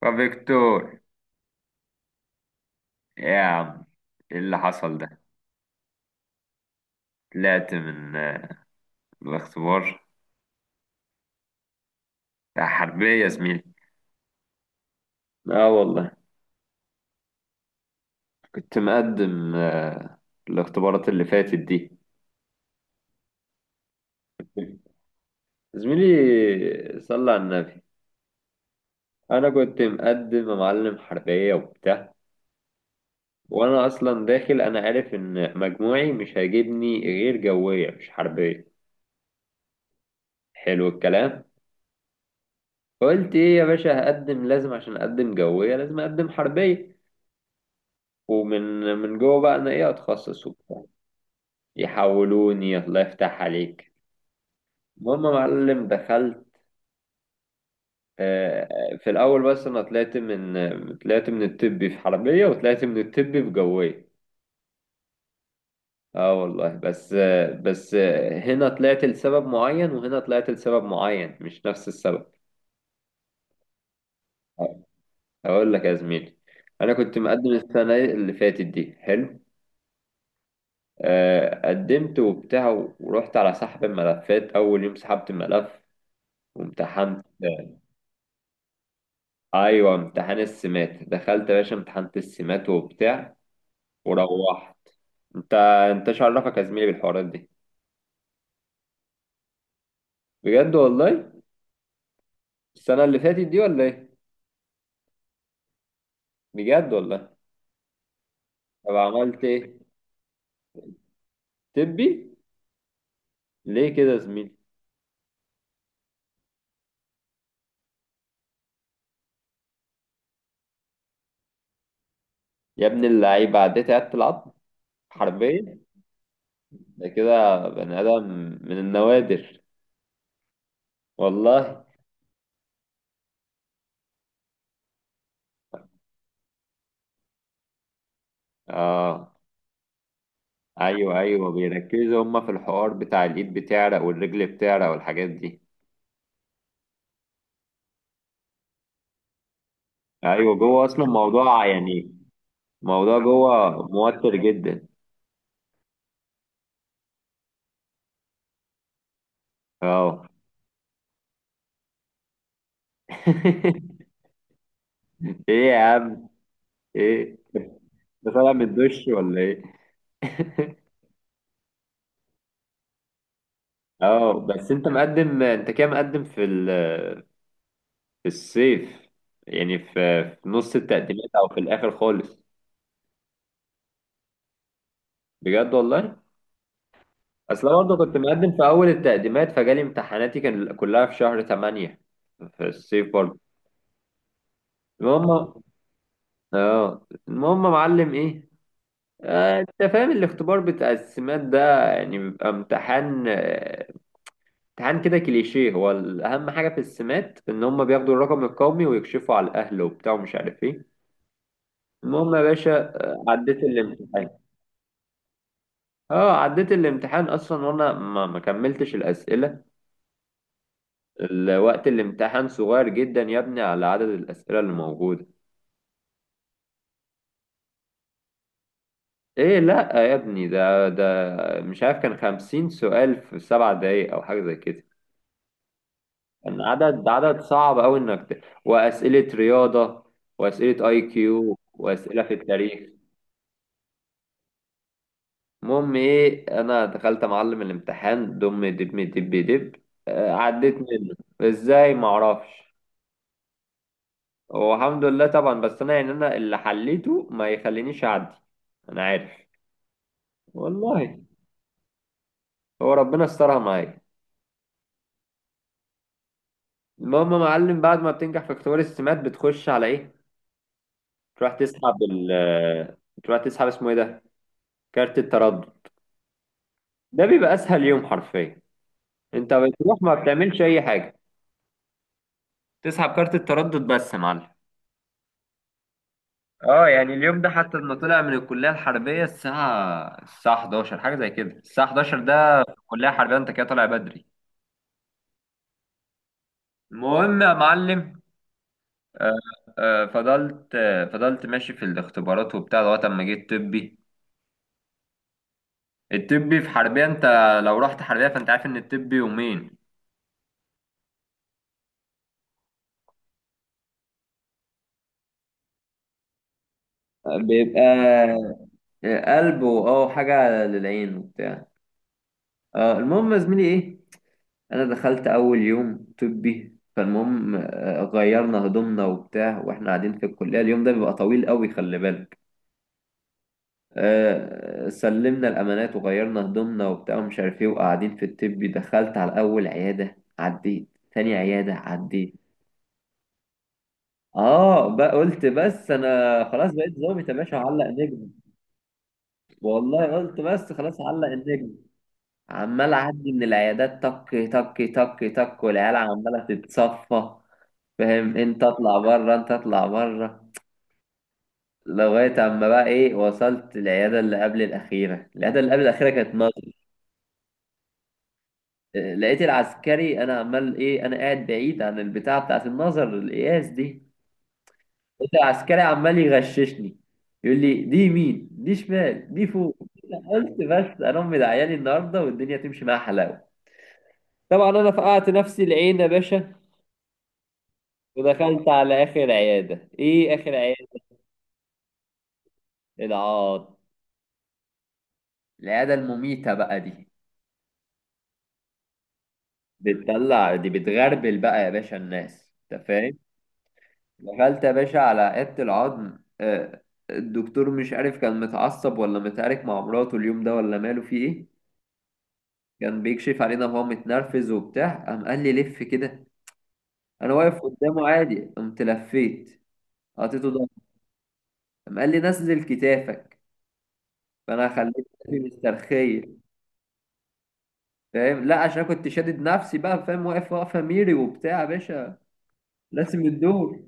ففيكتور يا عم، ايه اللي حصل ده؟ طلعت من من الاختبار. ده حربية يا زميلي. اه والله. كنت مقدم الاختبارات اللي فاتت دي. زميلي صلى على النبي. انا كنت مقدم يا معلم حربية وبتاع. وانا اصلا داخل انا عارف ان مجموعي مش هيجيبني غير جوية مش حربية. حلو الكلام. قلت ايه يا باشا، هقدم لازم، عشان اقدم جوية لازم اقدم حربية. ومن جوه بقى انا ايه اتخصص وبتاع. يحولوني الله يفتح عليك. المهم يا معلم دخلت، في الاول بس انا طلعت من الطبي في حربيه وطلعت من الطبي في جويه. اه والله. بس هنا طلعت لسبب معين وهنا طلعت لسبب معين، مش نفس السبب. اقول لك يا زميلي، انا كنت مقدم السنه اللي فاتت دي. حلو. قدمت وبتاع، ورحت على سحب الملفات. اول يوم سحبت الملف وامتحنت. ايوه، امتحان السمات. دخلت يا باشا امتحنت السمات وبتاع، وروحت. انت انت إيش عرفك يا زميلي بالحوارات دي؟ بجد والله؟ السنه اللي فاتت دي ولا ايه؟ بجد والله. طب عملت ايه؟ طبي؟ ليه كده يا زميلي؟ يا ابن اللعيبه، عديت عدت العظم حربيا؟ ده كده بني ادم من النوادر والله. اه. ايوه ايوه، بيركزوا هما في الحوار بتاع الايد بتعرق والرجل بتعرق والحاجات دي. ايوه جوه اصلا موضوع يعني، الموضوع جوه موتر جدا. اه. ايه يا عم؟ ايه؟ ده طالع من الدش ولا ايه؟ اه بس انت مقدم، انت كده مقدم في ال... في الصيف؟ يعني في... في نص التقديمات او في الاخر خالص؟ بجد والله؟ اصل انا برضه كنت مقدم في اول التقديمات، فجالي امتحاناتي كان كلها في شهر 8. في الصيف برضه. المهم. اه المهم يا معلم ايه، انت فاهم الاختبار بتاع السمات ده؟ يعني بيبقى امتحان امتحان كده كليشيه هو. اهم حاجه في السمات ان هم بياخدوا الرقم القومي ويكشفوا على الاهل وبتاع ومش عارف ايه. المهم يا باشا، عديت الامتحان. اه عديت الامتحان اصلا وانا ما كملتش الاسئله. وقت الامتحان صغير جدا يا ابني على عدد الاسئله اللي موجوده. ايه لا يا ابني، ده مش عارف كان 50 سؤال في 7 دقايق او حاجه زي كده. كان عدد صعب قوي انك واسئله رياضه واسئله اي كيو واسئله في التاريخ. المهم ايه، انا دخلت معلم الامتحان دم دب دب دب. عديت منه. ازاي ما اعرفش. هو الحمد لله طبعا، بس انا يعني انا اللي حليته ما يخلينيش اعدي. انا عارف والله. هو ربنا استرها معايا. المهم يا معلم، بعد ما بتنجح في اختبار السمات بتخش على ايه؟ تروح تسحب ال تروح تسحب اسمه ايه ده، كارت التردد. ده بيبقى اسهل يوم حرفيا، انت بتروح ما بتعملش اي حاجه. تسحب كارت التردد بس يا معلم. اه يعني اليوم ده حتى لما طلع من الكليه الحربيه الساعه 11، حاجه زي كده الساعه 11 ده. الكليه الحربيه انت كده طالع بدري. المهم يا معلم، آه فضلت ماشي في الاختبارات وبتاع لغايه اما جيت طبي. الطبي في حربيه انت لو رحت حربيه فانت عارف ان الطبي يومين. بيبقى قلبه اه، حاجة للعين وبتاع. آه المهم يا زميلي ايه، انا دخلت اول يوم طبي. فالمهم غيرنا هدومنا وبتاع واحنا قاعدين في الكليه. اليوم ده بيبقى طويل قوي، خلي بالك. سلمنا الامانات وغيرنا هدومنا وبتاع ومش عارف ايه، وقاعدين في الطبي. دخلت على اول عياده عديت، تاني عياده عديت. اه بقى قلت بس انا خلاص بقيت ظابط يا باشا، هعلق نجم. والله قلت بس خلاص هعلق النجم. عمال اعدي من العيادات، تك تك تك تك، والعيال عماله تتصفى. فاهم؟ انت اطلع بره، انت اطلع بره. لغايه اما بقى ايه، وصلت العياده اللي قبل الاخيره. العياده اللي قبل الاخيره كانت نظر. لقيت العسكري، انا عمال ايه، انا قاعد بعيد عن البتاعه بتاعه النظر القياس دي. لقيت العسكري عمال يغششني، يقول لي دي يمين، دي شمال، دي فوق. قلت بس انا امي دعياني النهارده والدنيا تمشي معاها حلاوه. طبعا انا فقعت نفسي العين يا باشا. ودخلت على اخر عياده. ايه اخر عياده؟ العاط. العياده المميته بقى دي. بتطلع دي، بتغربل بقى يا باشا الناس، انت فاهم. دخلت يا باشا على عيادة العظم، الدكتور مش عارف كان متعصب ولا متعارك مع مراته اليوم ده ولا ماله في ايه. كان بيكشف علينا وهو متنرفز وبتاع. قام قال لي لف كده. انا واقف قدامه عادي، قمت لفيت. حطيته ده. قام قال لي نزل كتافك. فانا خليت كتافي مسترخيه. فاهم؟ لا عشان كنت شادد نفسي بقى، فاهم، واقف واقفه ميري وبتاع يا باشا. لازم الدور.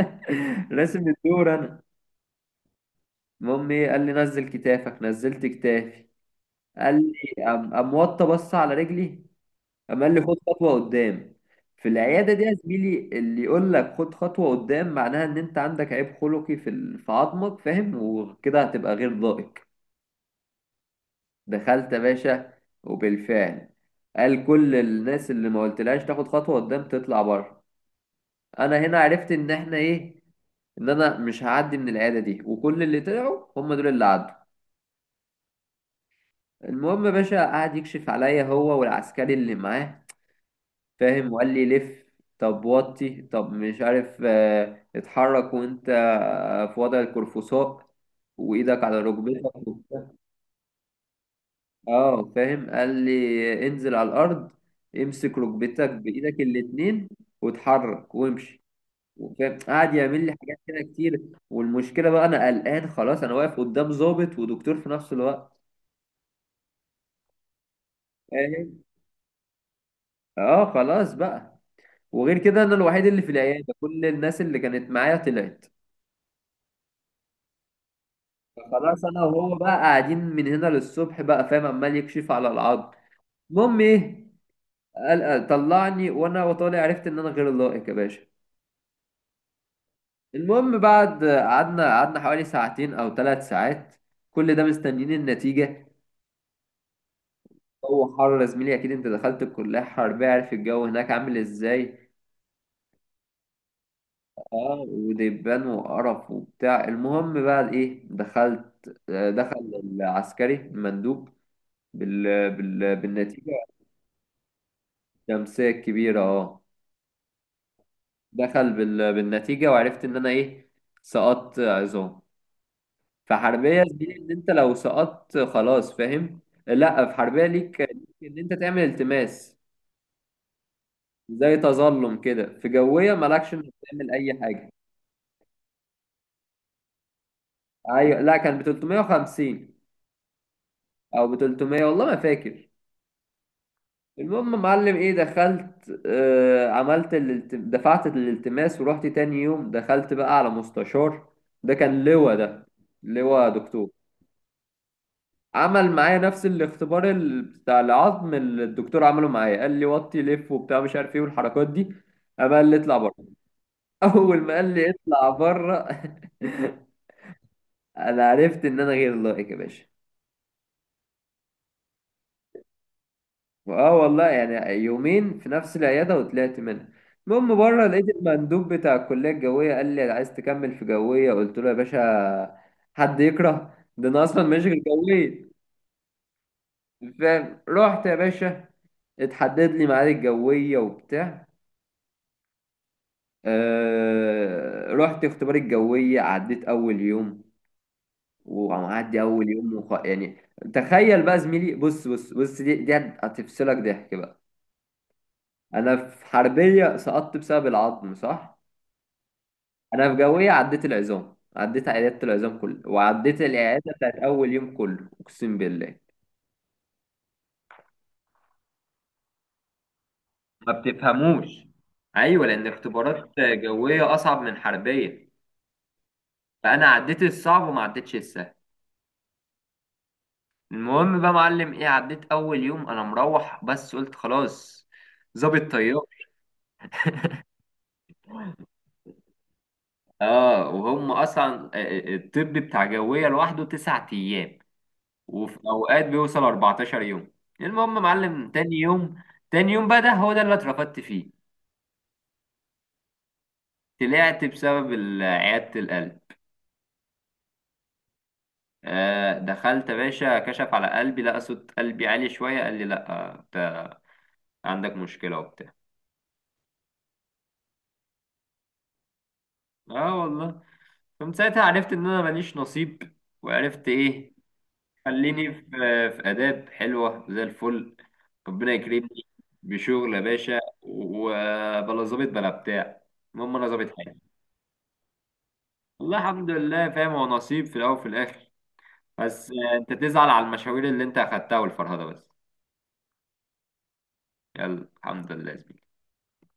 لازم الدور انا. المهم ايه، قال لي نزل كتافك، نزلت كتافي. قال لي قام قام وطى، بص على رجلي. قام قال لي خد خطوه قدام. في العياده دي يا زميلي، اللي يقول لك خد خطوه قدام معناها ان انت عندك عيب خلقي في في عظمك، فاهم، وكده هتبقى غير لائق. دخلت يا باشا، وبالفعل قال كل الناس اللي ما قلتلهاش تاخد خطوه قدام تطلع بره. انا هنا عرفت ان احنا ايه، ان انا مش هعدي من العياده دي، وكل اللي طلعوا هم دول اللي عدوا. المهم يا باشا قعد يكشف عليا هو والعسكري اللي معاه، فاهم، وقال لي لف، طب وطي، طب مش عارف، اتحرك وانت في وضع القرفصاء وايدك على ركبتك وبتاع. اه فاهم، قال لي انزل على الارض، امسك ركبتك بايدك الاتنين واتحرك وامشي. وفاهم قعد يعمل لي حاجات كده كتير. والمشكله بقى انا قلقان خلاص، انا واقف قدام ضابط ودكتور في نفس الوقت، فاهم. اه خلاص بقى. وغير كده انا الوحيد اللي في العياده كل الناس اللي كانت معايا طلعت. خلاص انا وهو بقى قاعدين من هنا للصبح بقى، فاهم، عمال يكشف على العظم. المهم ايه، قال طلعني، وانا وطالع عرفت ان انا غير لائق يا باشا. المهم بعد، قعدنا حوالي ساعتين او 3 ساعات، كل ده مستنيين النتيجه. هو حر يا زميلي، اكيد انت دخلت الكليه حربيه عارف الجو هناك عامل ازاي. اه ودبان وقرف وبتاع. المهم بقى ايه، دخلت، دخل العسكري المندوب بالنتيجة. الشمسية الكبيرة اه. دخل بالنتيجة وعرفت ان انا ايه، سقطت عظام. في حربية يا زميلي ان انت لو سقطت خلاص، فاهم. لا في حربية ليك، ليك ان انت تعمل التماس، زي تظلم كده. في جوية مالكش انك تعمل اي حاجة. ايوه لا كان ب 350 او ب 300، والله ما فاكر. المهم معلم ايه، دخلت آه عملت دفعت الالتماس، ورحت تاني يوم دخلت بقى على مستشار. ده كان لواء ده، لواء دكتور. عمل معايا نفس الاختبار بتاع العظم اللي الدكتور عمله معايا. قال لي وطي، لف، وبتاع مش عارف ايه والحركات دي. قام قال لي اطلع بره. اول ما قال لي اطلع بره انا عرفت ان انا غير لائق يا باشا. اه والله يعني يومين في نفس العيادة وطلعت منها. المهم بره لقيت المندوب بتاع الكلية الجوية. قال لي عايز تكمل في جوية؟ قلت له يا باشا حد يكره؟ ده انا اصلا ماشي في الجوية. فاهم؟ رحت يا باشا، اتحدد لي ميعاد الجوية وبتاع. آه رحت اختبار الجوية، عديت أول يوم. وعدي أول يوم يعني تخيل بقى زميلي، بص بص بص، دي هتفصلك ضحك بقى. أنا في حربية سقطت بسبب العظم، صح؟ انا في جويه عديت العظام، عديت عياده العظام كله، وعديت العياده بتاعت اول يوم كله، اقسم بالله. ما بتفهموش. ايوه لان اختبارات جويه اصعب من حربيه. فانا عديت الصعب وما عديتش السهل. المهم بقى معلم ايه، عديت اول يوم انا مروح، بس قلت خلاص ظابط طيار. اه وهم اصلا الطب بتاع جويه لوحده 9 ايام، وفي اوقات بيوصل 14 يوم. المهم معلم تاني يوم، تاني يوم بقى ده هو ده اللي اترفدت فيه. طلعت بسبب عيادة القلب. آه دخلت يا باشا، كشف على قلبي لقى صوت قلبي عالي شوية، قال لي لأ انت عندك مشكلة وبتاع. اه والله. فمن ساعتها عرفت ان انا ماليش نصيب. وعرفت ايه، خليني في آداب حلوة زي الفل. ربنا يكرمني بشغل يا باشا وبلا ظابط بلا بتاع. المهم انا ظابط حالي. والله الحمد لله، فاهم، هو نصيب في الاول وفي الاخر. بس انت تزعل على المشاوير اللي انت اخدتها والفرهدة بس. يلا الحمد لله زميلي.